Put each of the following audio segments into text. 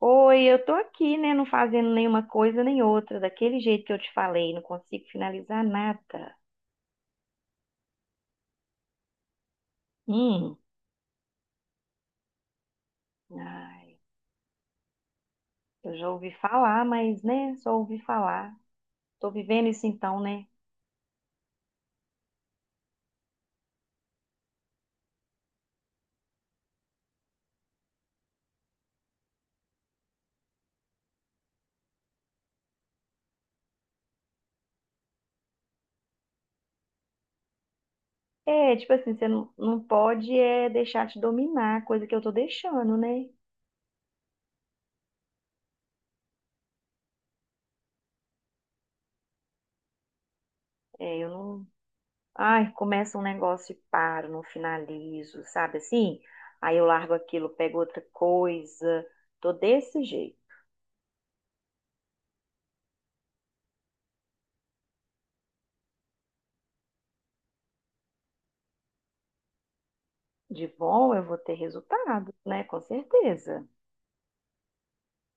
Oi, eu tô aqui, né? Não fazendo nenhuma coisa nem outra, daquele jeito que eu te falei, não consigo finalizar nada. Hum, ai, eu já ouvi falar, mas, né, só ouvi falar. Tô vivendo isso então, né? É, tipo assim, você não pode é deixar te dominar, coisa que eu tô deixando, né? É, eu não. Ai, começa um negócio e paro, não finalizo, sabe assim? Aí eu largo aquilo, pego outra coisa, tô desse jeito. De bom, eu vou ter resultado, né? Com certeza.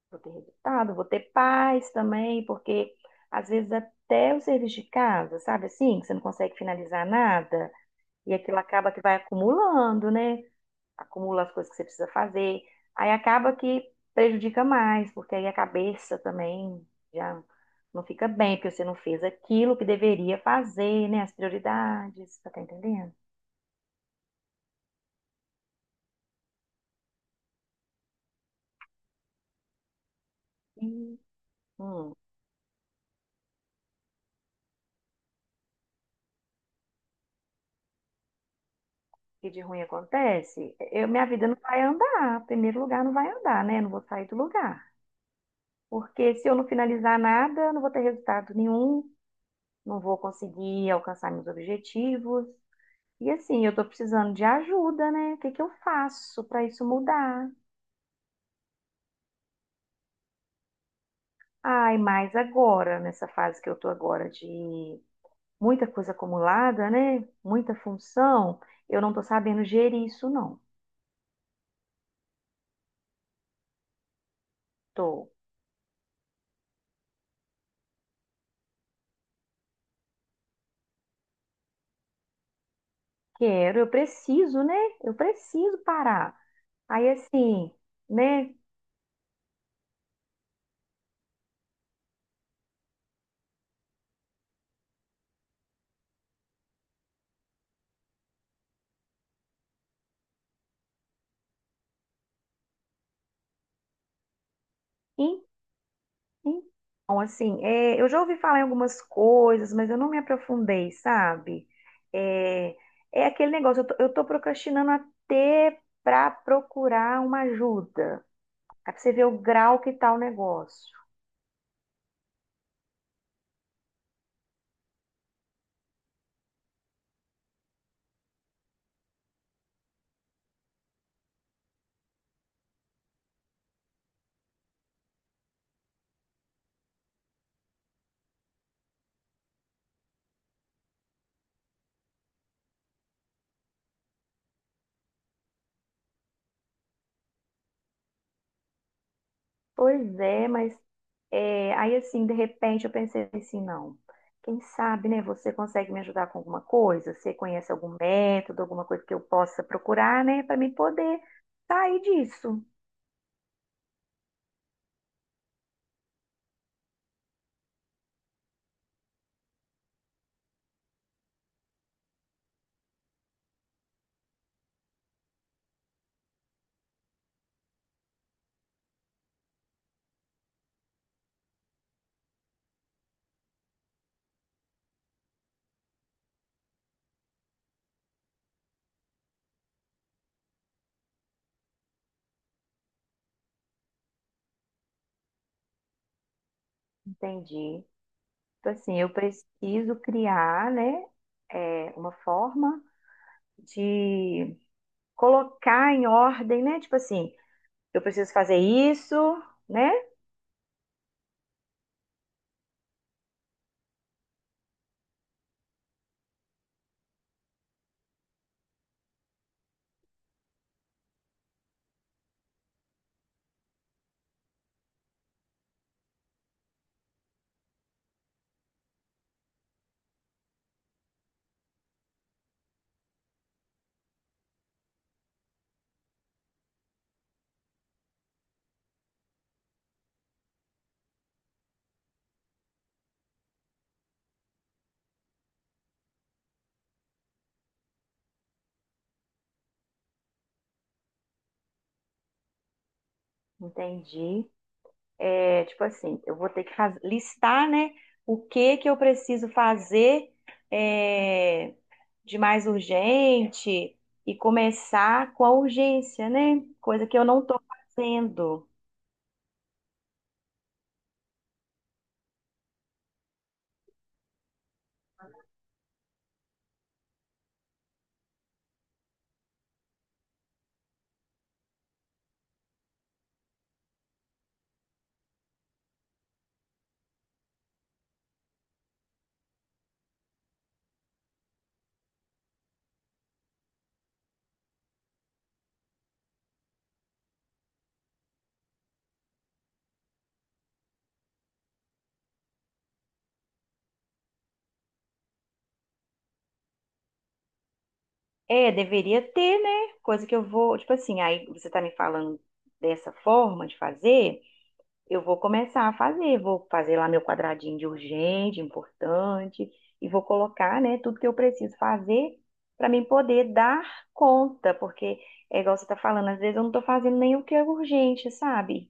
Vou ter resultado, vou ter paz também, porque às vezes até o serviço de casa, sabe assim, que você não consegue finalizar nada, e aquilo acaba que vai acumulando, né? Acumula as coisas que você precisa fazer. Aí acaba que prejudica mais, porque aí a cabeça também já não fica bem, porque você não fez aquilo que deveria fazer, né? As prioridades, tá entendendo? Sim. Que de ruim acontece, minha vida não vai andar. Em primeiro lugar, não vai andar, né? Não vou sair do lugar. Porque se eu não finalizar nada, não vou ter resultado nenhum, não vou conseguir alcançar meus objetivos. E assim, eu tô precisando de ajuda, né? O que que eu faço para isso mudar? Ai, mais agora, nessa fase que eu tô agora de muita coisa acumulada, né? Muita função, eu não tô sabendo gerir isso, não. Tô. Quero, eu preciso, né? Eu preciso parar. Aí assim, né? Então, assim, eu já ouvi falar em algumas coisas, mas eu não me aprofundei, sabe? É, é aquele negócio, eu tô procrastinando até pra procurar uma ajuda. Aí pra você ver o grau que tá o negócio. Pois é, mas é, aí assim, de repente eu pensei assim, não. Quem sabe, né? Você consegue me ajudar com alguma coisa? Você conhece algum método, alguma coisa que eu possa procurar, né? Pra mim poder sair disso. Entendi. Tipo assim, eu preciso criar, né, uma forma de colocar em ordem, né? Tipo assim, eu preciso fazer isso, né? Entendi. É, tipo assim, eu vou ter que listar, né, o que que eu preciso fazer é, de mais urgente e começar com a urgência, né? Coisa que eu não estou fazendo. É, deveria ter, né? Coisa que eu vou, tipo assim, aí você tá me falando dessa forma de fazer, eu vou começar a fazer, vou fazer lá meu quadradinho de urgente, importante, e vou colocar, né, tudo que eu preciso fazer para mim poder dar conta, porque é igual você tá falando, às vezes eu não tô fazendo nem o que é urgente, sabe?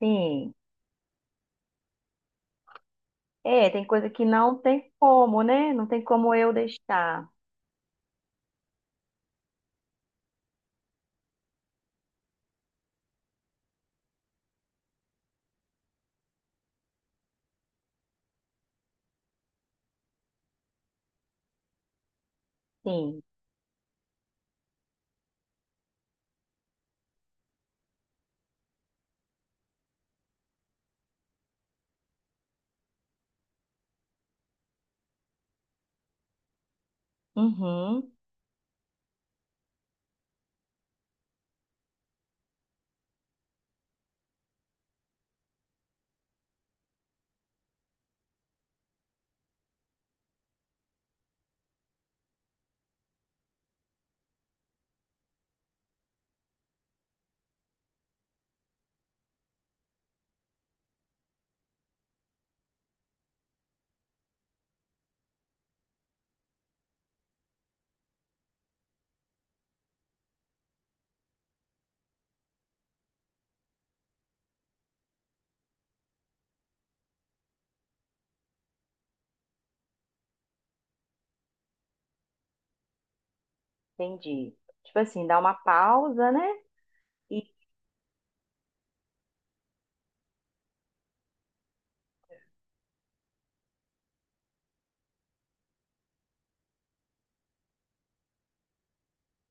Sim. É, tem coisa que não tem como, né? Não tem como eu deixar. Sim. Uhum. Entendi. Tipo assim, dá uma pausa, né?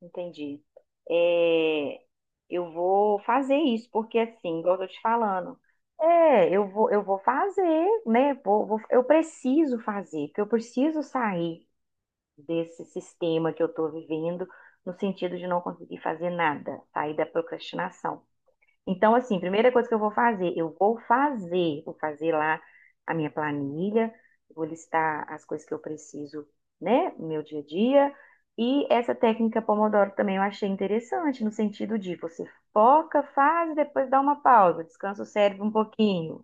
Entendi. É, eu vou fazer isso, porque assim, igual eu tô te falando, é, eu vou fazer, né? Eu preciso fazer, porque eu preciso sair desse sistema que eu tô vivendo, no sentido de não conseguir fazer nada, sair da procrastinação. Então, assim, primeira coisa que eu vou fazer, vou fazer lá a minha planilha, vou listar as coisas que eu preciso, né, no meu dia a dia. E essa técnica Pomodoro também eu achei interessante, no sentido de você foca, faz, depois dá uma pausa, descansa o cérebro um pouquinho.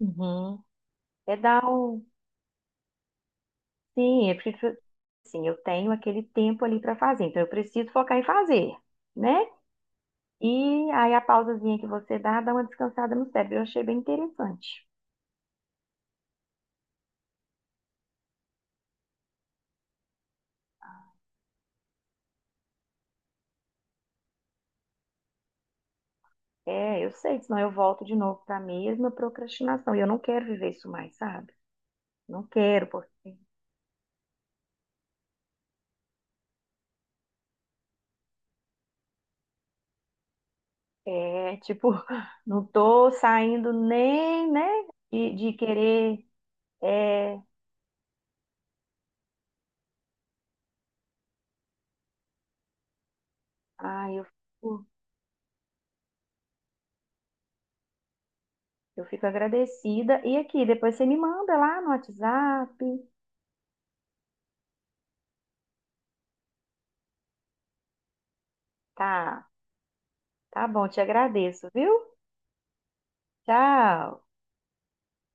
Uhum. É dar um. Sim, é porque, assim, eu tenho aquele tempo ali para fazer, então eu preciso focar em fazer, né? E aí a pausazinha que você dá, dá uma descansada no cérebro. Eu achei bem interessante. É, eu sei, senão eu volto de novo para a mesma procrastinação. E eu não quero viver isso mais, sabe? Não quero, porque é tipo, não tô saindo nem, né, de querer. É, ai, eu fico agradecida. E aqui, depois você me manda lá no WhatsApp. Tá, tá bom, te agradeço, viu? Tchau.